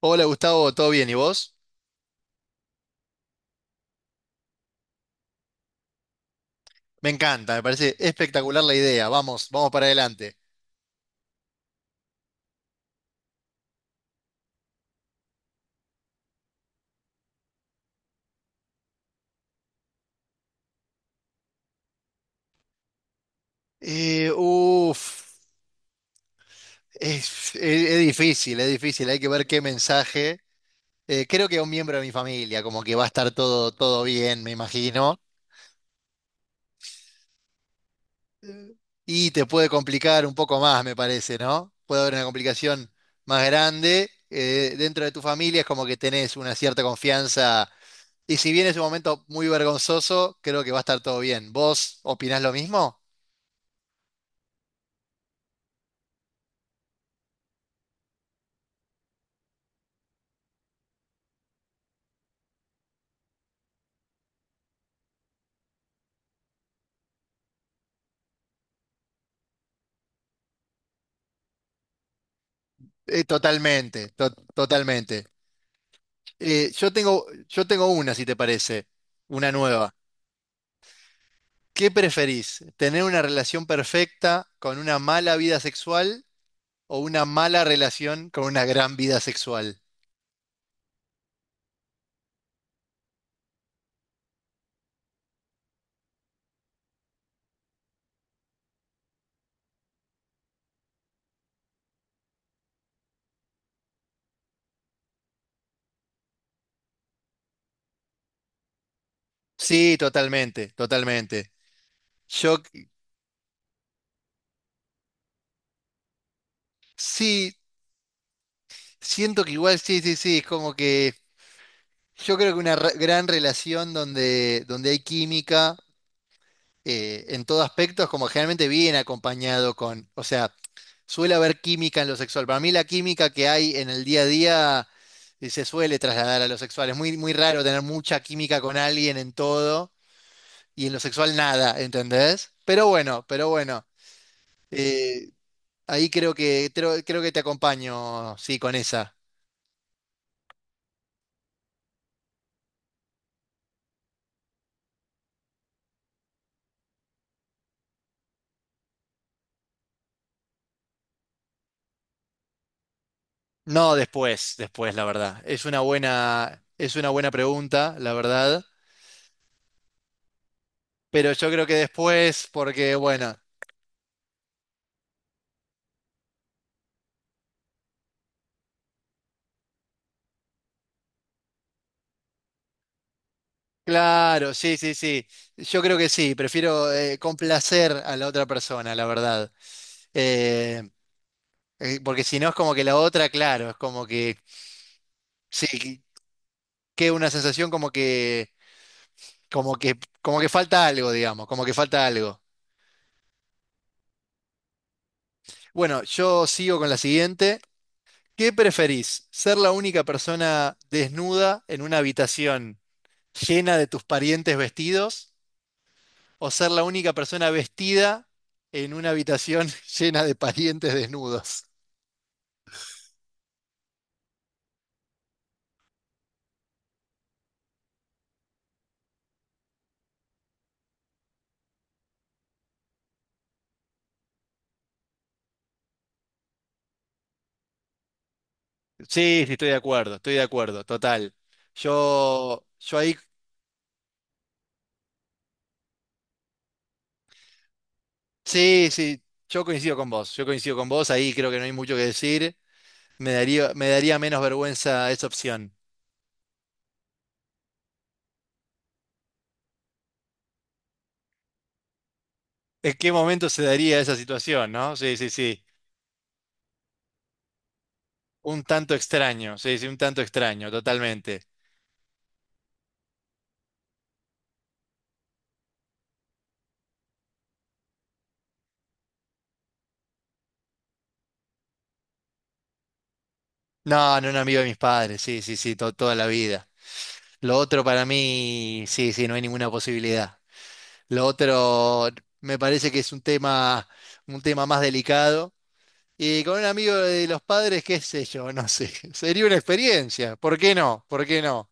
Hola Gustavo, ¿todo bien? ¿Y vos? Me encanta, me parece espectacular la idea. Vamos, vamos para adelante. Eh, uf, es, es- es difícil, es difícil. Hay que ver qué mensaje. Creo que a un miembro de mi familia, como que va a estar todo, todo bien, me imagino. Y te puede complicar un poco más, me parece, ¿no? Puede haber una complicación más grande. Dentro de tu familia es como que tenés una cierta confianza. Y si bien es un momento muy vergonzoso, creo que va a estar todo bien. ¿Vos opinás lo mismo? Totalmente, totalmente. Yo tengo una, si te parece, una nueva. ¿Qué preferís? ¿Tener una relación perfecta con una mala vida sexual o una mala relación con una gran vida sexual? Sí, totalmente, totalmente. Yo c- sí, siento que igual sí, sí, sí, es como que yo creo que una gran relación donde, donde hay química. En todo aspecto, es como generalmente viene acompañado con, o sea, suele haber química en lo sexual. Para mí la química que hay en el día a día se suele trasladar a lo sexual. Es muy, muy raro tener mucha química con alguien en todo y en lo sexual nada, ¿entendés? Pero bueno, eh, ahí creo que, creo que te acompaño, sí, con esa. No, después, después, la verdad. Es una buena pregunta, la verdad. Pero yo creo que después, porque bueno. Claro, sí, sí, sí. Yo creo que sí. Prefiero complacer a la otra persona, la verdad. Eh, Porque si no es como que la otra, claro, es como que sí, que una sensación como que, como que falta algo, digamos, como que falta algo. Bueno, yo sigo con la siguiente. ¿Qué preferís? ¿Ser la única persona desnuda en una habitación llena de tus parientes vestidos, o ser la única persona vestida en una habitación llena de parientes desnudos? Sí, sí, estoy de acuerdo, total. Yo, yo ahí, sí, sí, yo coincido con vos, yo coincido con vos, ahí creo que no hay mucho que decir. Me daría menos vergüenza esa opción. ¿En qué momento se daría esa situación, no? Sí, sí, sí. Un tanto extraño, sí, sí, un tanto extraño, totalmente. No, no, un amigo de mis padres, sí, sí, sí, toda la vida. Lo otro para mí, sí, sí, no hay ninguna posibilidad. Lo otro me parece que es un tema más delicado. Y con un amigo de los padres, qué sé yo, no sé. Sería una experiencia. ¿Por qué no? ¿Por qué no?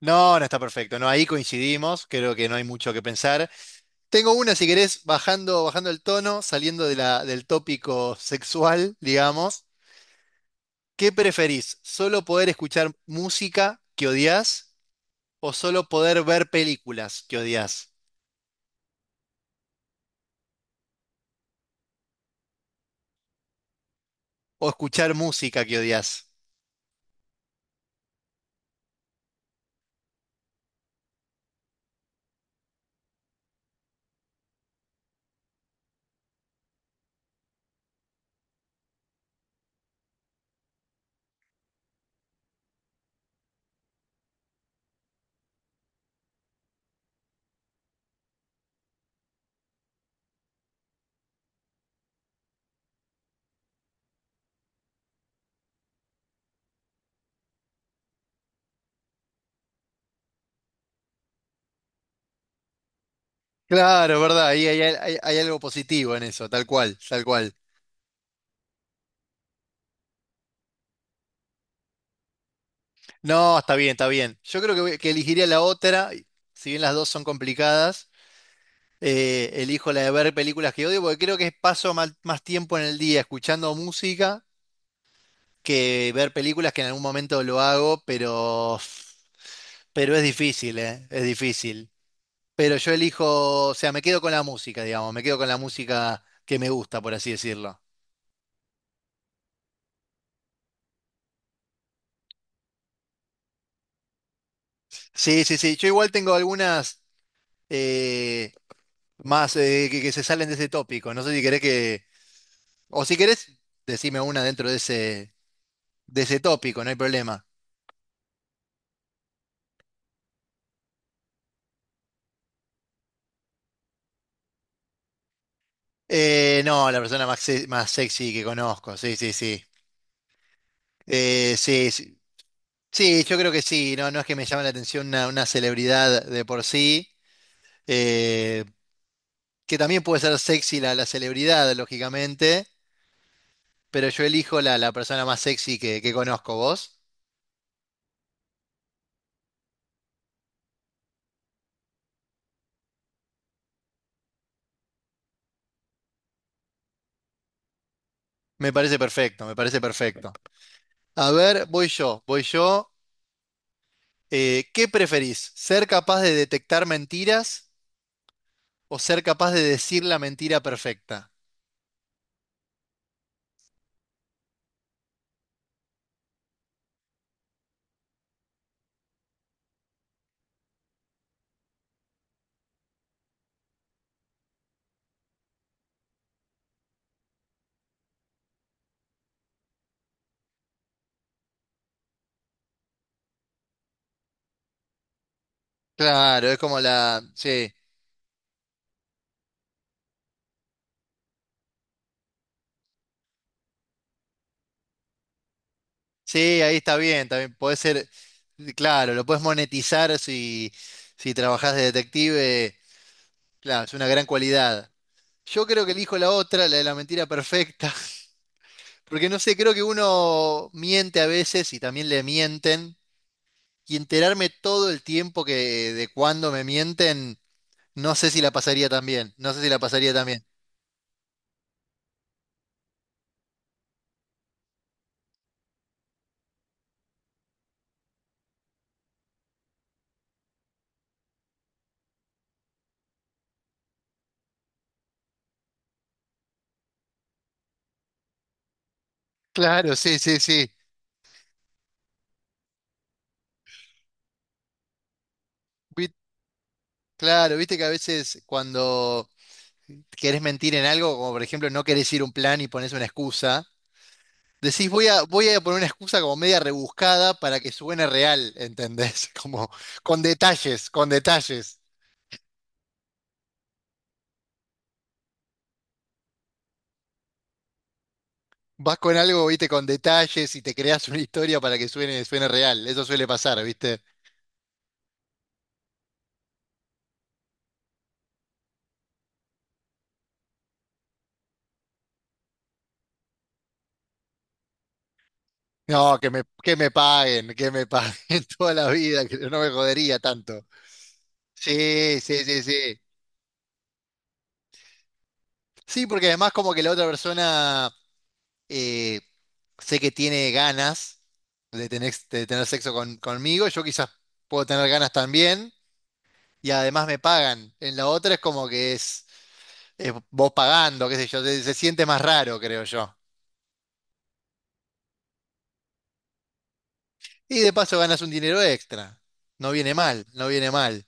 No, no está perfecto. No, ahí coincidimos. Creo que no hay mucho que pensar. Tengo una, si querés, bajando, bajando el tono, saliendo de la, del tópico sexual, digamos. ¿Qué preferís? ¿Solo poder escuchar música que odias o solo poder ver películas que odias? O escuchar música que odias. Claro, verdad, ahí hay, hay algo positivo en eso, tal cual, tal cual. No, está bien, está bien. Yo creo que, que elegiría la otra, si bien las dos son complicadas, elijo la de ver películas que odio, porque creo que paso más tiempo en el día escuchando música que ver películas que en algún momento lo hago, pero es difícil, es difícil. Pero yo elijo, o sea, me quedo con la música, digamos, me quedo con la música que me gusta, por así decirlo. Sí, sí, sí, yo igual tengo algunas... eh, más, que se salen de ese tópico. No sé si querés que, o si querés, decime una dentro de ese tópico, no hay problema. No, la persona más, más sexy que conozco, sí, sí, sí. Eh, sí, sí, sí, yo creo que sí, no, no es que me llame la atención una celebridad de por sí, eh, que también puede ser sexy la, la celebridad, lógicamente, pero yo elijo la, la persona más sexy que conozco, vos. Me parece perfecto, me parece perfecto. A ver, voy yo, voy yo. ¿Qué preferís? ¿Ser capaz de detectar mentiras o ser capaz de decir la mentira perfecta? Claro, es como la... Sí, sí, ahí está bien, también puede ser... Claro, lo puedes monetizar si, si trabajás de detective. Claro, es una gran cualidad. Yo creo que elijo la otra, la de la mentira perfecta, porque no sé, creo que uno miente a veces y también le mienten, y enterarme todo el tiempo que de cuándo me mienten. No sé si la pasaría tan bien, no sé si la pasaría tan bien. Claro, sí, sí, sí. Vi- claro, viste que a veces cuando querés mentir en algo, como por ejemplo no querés ir a un plan y pones una excusa, decís voy a, voy a poner una excusa como media rebuscada para que suene real, ¿entendés? Como con detalles, con detalles. Vas con algo, viste, con detalles y te creas una historia para que suene, suene real. Eso suele pasar, ¿viste? No, que me paguen toda la vida, que no me jodería tanto. Sí, sí, sí, sí. Sí, porque además como que la otra persona eh, sé que tiene ganas de tener sexo conmigo, yo quizás puedo tener ganas también, y además me pagan. En la otra es como que es vos pagando, qué sé yo, se siente más raro, creo yo. Y de paso ganas un dinero extra. No viene mal, no viene mal.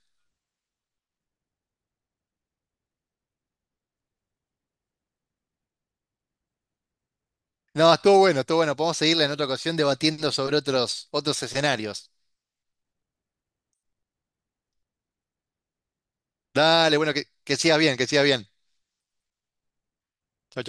No, estuvo bueno, estuvo bueno. Podemos seguirla en otra ocasión debatiendo sobre otros, otros escenarios. Dale, bueno, que sigas bien, que sigas bien. Chau,